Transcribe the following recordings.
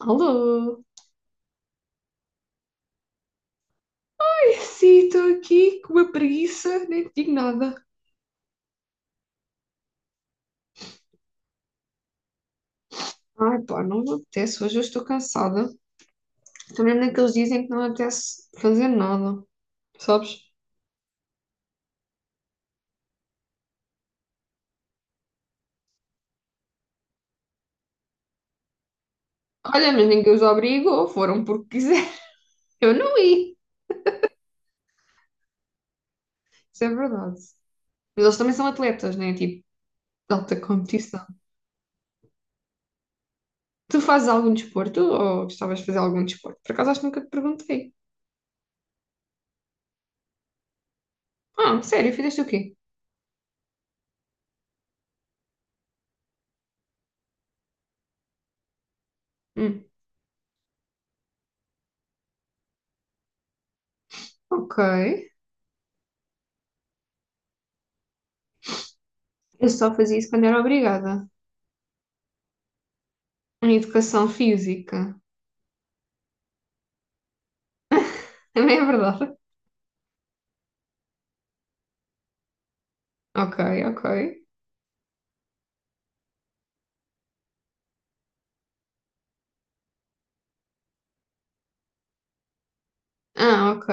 Alô? Sim, estou aqui com uma preguiça, nem te digo nada. Ai, pá, não me apetece, hoje eu estou cansada. Estou mesmo naqueles dias em que não me apetece fazer nada, sabes? Olha, mas ninguém os obrigou, foram porque quiser. Eu não ia, isso é verdade. Mas eles também são atletas, né? Tipo, de alta competição. Tu fazes algum desporto ou gostavas de fazer algum desporto? Por acaso acho que nunca te perguntei. Ah, sério, fizeste o quê? Hum, ok. Eu só fazia isso quando era obrigada. Em educação física. Também é verdade. Ok, ok. Ah, ok.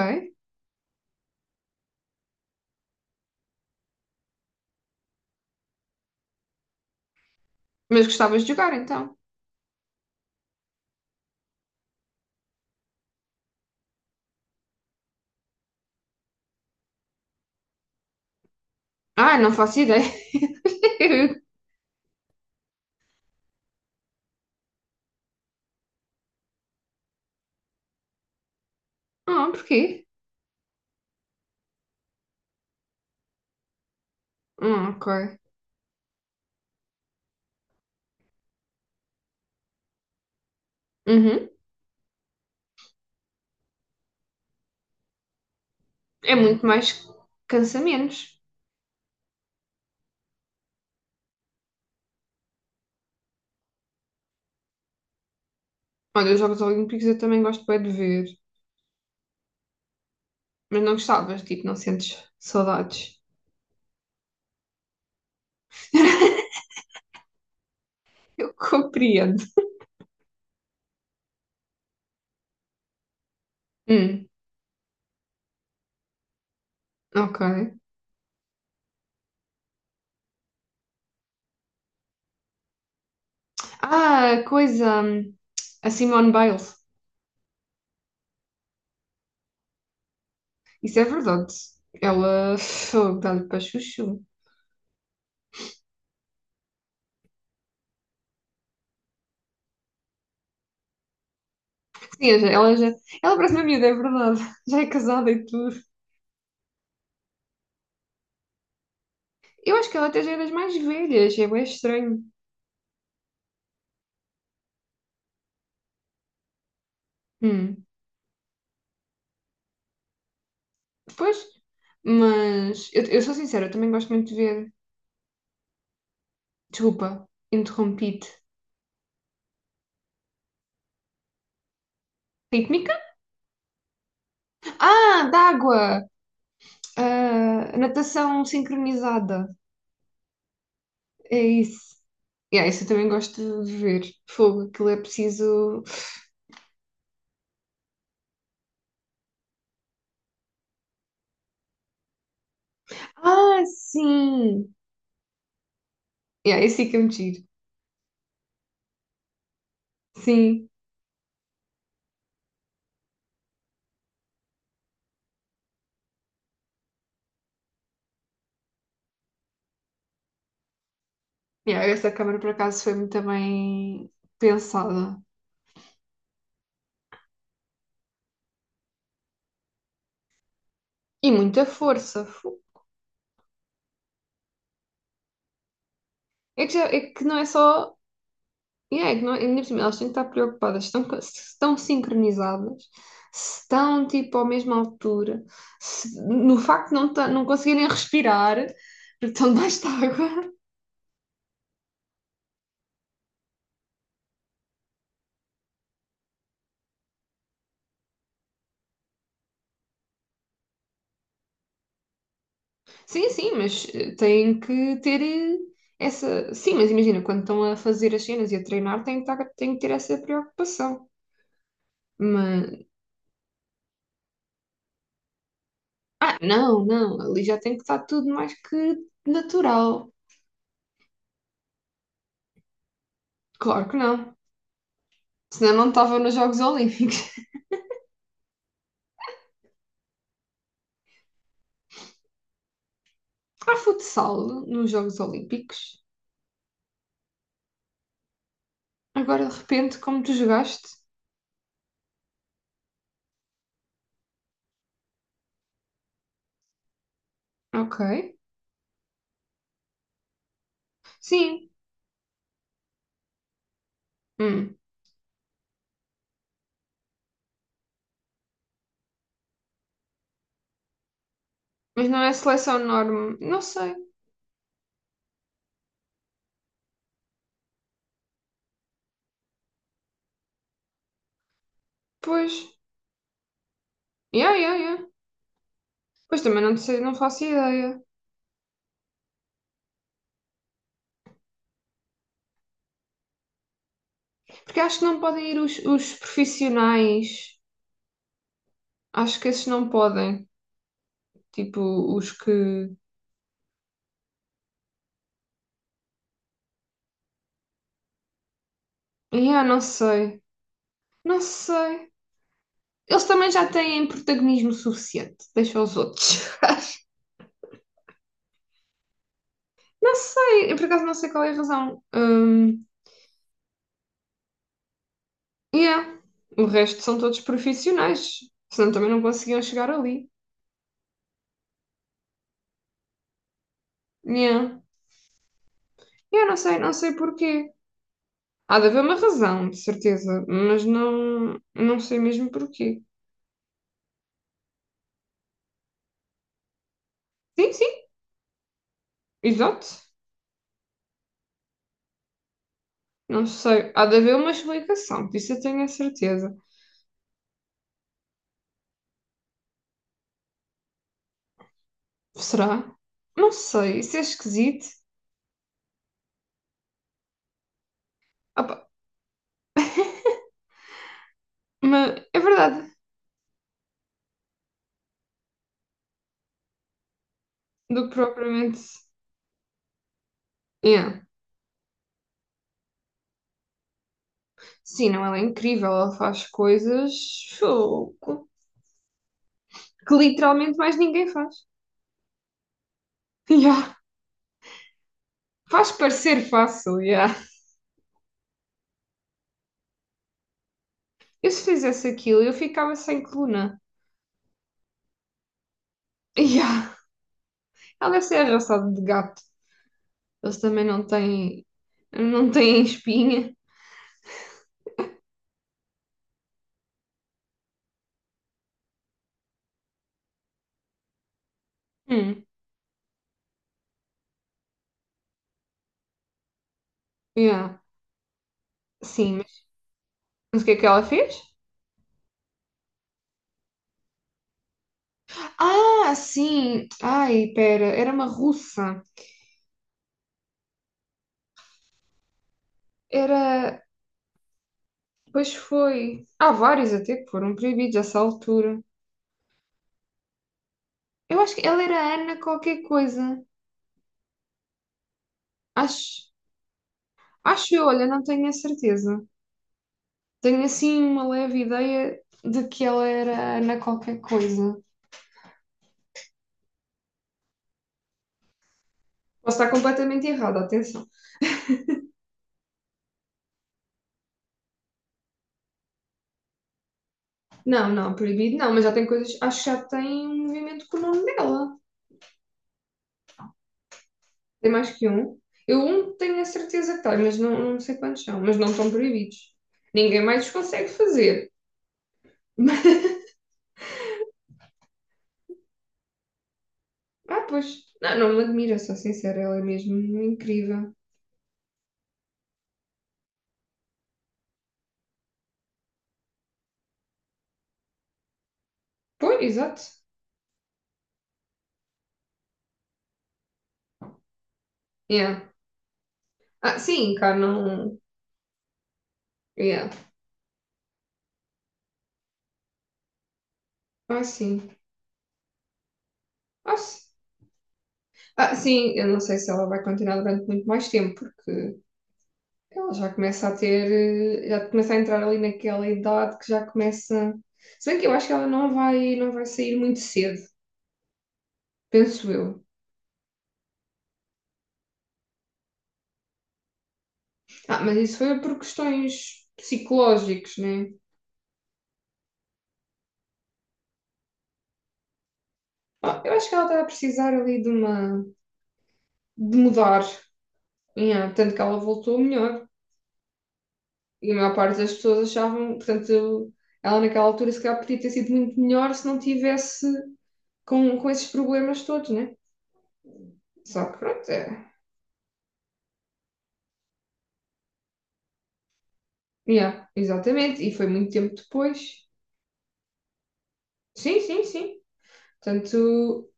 Mas gostavas de jogar então? Ah, não faço ideia. Ah, porquê? Ah, ok. Uhum. É muito mais cansamentos. Olha, os Jogos Olímpicos eu também gosto bem de ver, mas não gostavas, tipo, não sentes saudades. Eu compreendo. Hum, ok. Ah, coisa. A Simone Biles. Isso é verdade. Ela fogo, dá-lhe para chuchu. Sim, ela já. Ela parece uma miúda, é verdade. Já é casada e tudo. Eu acho que ela até já é das mais velhas, é bem estranho. Hum. Pois, mas eu sou sincera, eu também gosto muito de ver. Desculpa, interrompi-te. Rítmica? Ah, d'água! Ah, natação sincronizada. É isso. Yeah, isso eu também gosto de ver. Fogo, aquilo é preciso. Ah, sim! Yeah, esse é que é muito giro. Sim. Yeah, essa câmara por acaso foi muito bem pensada. E muita força. É que não é só e é que não, ainda por cima, elas têm que estar preocupadas se estão sincronizadas, se estão tipo à mesma altura, no facto de não, não conseguirem respirar, porque estão debaixo de água. Sim, sim, mas têm que ter essa. Sim, mas imagina, quando estão a fazer as cenas e a treinar, têm que ter essa preocupação. Mas. Ah, não, não, ali já tem que estar tudo mais que natural. Claro que não. Senão não estavam nos Jogos Olímpicos. Há futsal nos Jogos Olímpicos? Agora de repente, como tu jogaste? Ok. Sim. Hum. Mas não é seleção norme. Não sei. Pois. Yeah, yeah, yeah. Pois também não sei, não faço ideia. Porque acho que não podem ir os profissionais. Acho que esses não podem. Tipo, os que. Yeah, não sei. Não sei. Eles também já têm protagonismo suficiente. Deixa os outros. Não sei. Eu por acaso não sei qual é a razão. Hum. Yeah. O resto são todos profissionais, senão também não conseguiam chegar ali. Yeah. Eu não sei, não sei porquê. Há de haver uma razão, de certeza, mas não, não sei mesmo porquê. Sim, sim, exato. Não sei. Há de haver uma explicação, disso eu tenho a certeza. Será? Não sei, isso é esquisito. Ah pá, mas é verdade, do que propriamente. Yeah. Sim, não, ela é incrível, ela faz coisas fogo, que literalmente mais ninguém faz. Yeah. Faz parecer fácil, yeah. Eu se fizesse aquilo, eu ficava sem coluna. Yeah. Ela deve ser arrasada de gato. Eles também não têm, espinha. Hum, yeah. Sim, mas o que é que ela fez? Ah, sim. Ai, pera, era uma russa. Era, pois foi. Há vários até que foram proibidos a essa altura. Eu acho que ela era Ana qualquer coisa. Acho, acho eu, olha, não tenho a certeza. Tenho assim uma leve ideia de que ela era Ana qualquer coisa. Posso estar completamente errada, atenção. Não, não, proibido não, mas já tem coisas. Acho que já tem um movimento com o nome dela. Tem mais que um. Eu um tenho a certeza que tem, mas não, não sei quantos são, mas não estão proibidos. Ninguém mais os consegue fazer. Mas, Ah, pois. Não, não me admira, sou sincera, ela é mesmo incrível. Pois, exato. Yeah. Ah, sim, cá não. Yeah. Ah, sim. Ah, sim. Ah, sim, eu não sei se ela vai continuar durante muito mais tempo, porque ela já começa a ter, já começa a entrar ali naquela idade que já começa. Se bem que eu acho que ela não vai sair muito cedo, penso eu. Ah, mas isso foi por questões psicológicas, né? Ah, eu acho que ela está a precisar ali de mudar, yeah, tanto que ela voltou melhor. E a maior parte das pessoas achavam, portanto, ela naquela altura se calhar podia ter sido muito melhor se não tivesse com esses problemas todos, né? Só que pronto, é. Yeah, exatamente. E foi muito tempo depois. Sim, sim, sim. Portanto,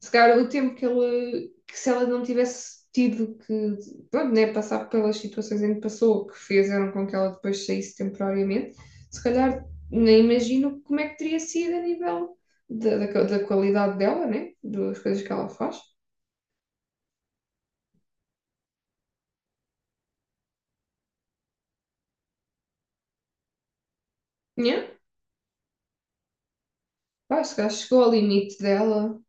se calhar o tempo que se ela não tivesse tido que, pronto, né, passar pelas situações em que passou, que fizeram com que ela depois saísse temporariamente, se calhar nem imagino como é que teria sido a nível da qualidade dela, né? Das coisas que ela faz. Yeah. Pá, se calhar chegou ao limite dela.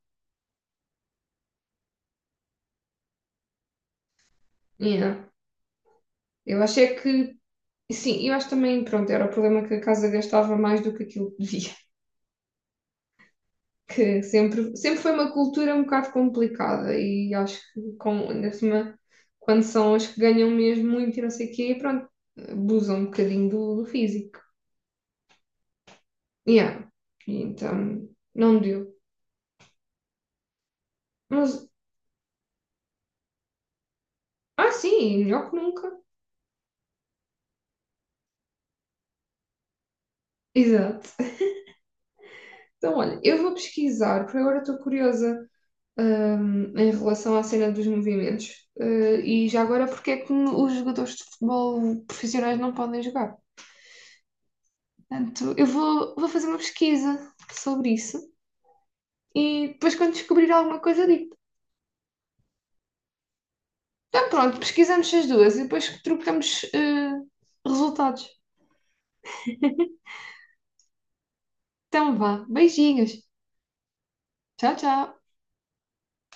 Yeah. Eu achei que Sim, eu acho também, pronto, era o problema que a casa gastava mais do que aquilo que devia, que sempre, sempre foi uma cultura um bocado complicada e acho que com, ainda por cima, quando são as que ganham mesmo muito e não sei o quê, pronto, abusam um bocadinho do físico. Yeah. E então, não deu. Mas, ah sim, melhor que nunca. Exato. Então, olha, eu vou pesquisar, porque agora estou curiosa, em relação à cena dos movimentos. E já agora, porque é que os jogadores de futebol profissionais não podem jogar? Portanto, eu vou fazer uma pesquisa sobre isso e depois, quando descobrir alguma coisa, digo. Então, pronto, pesquisamos as duas e depois trocamos resultados. Então, vá. Beijinhos. Tchau, tchau.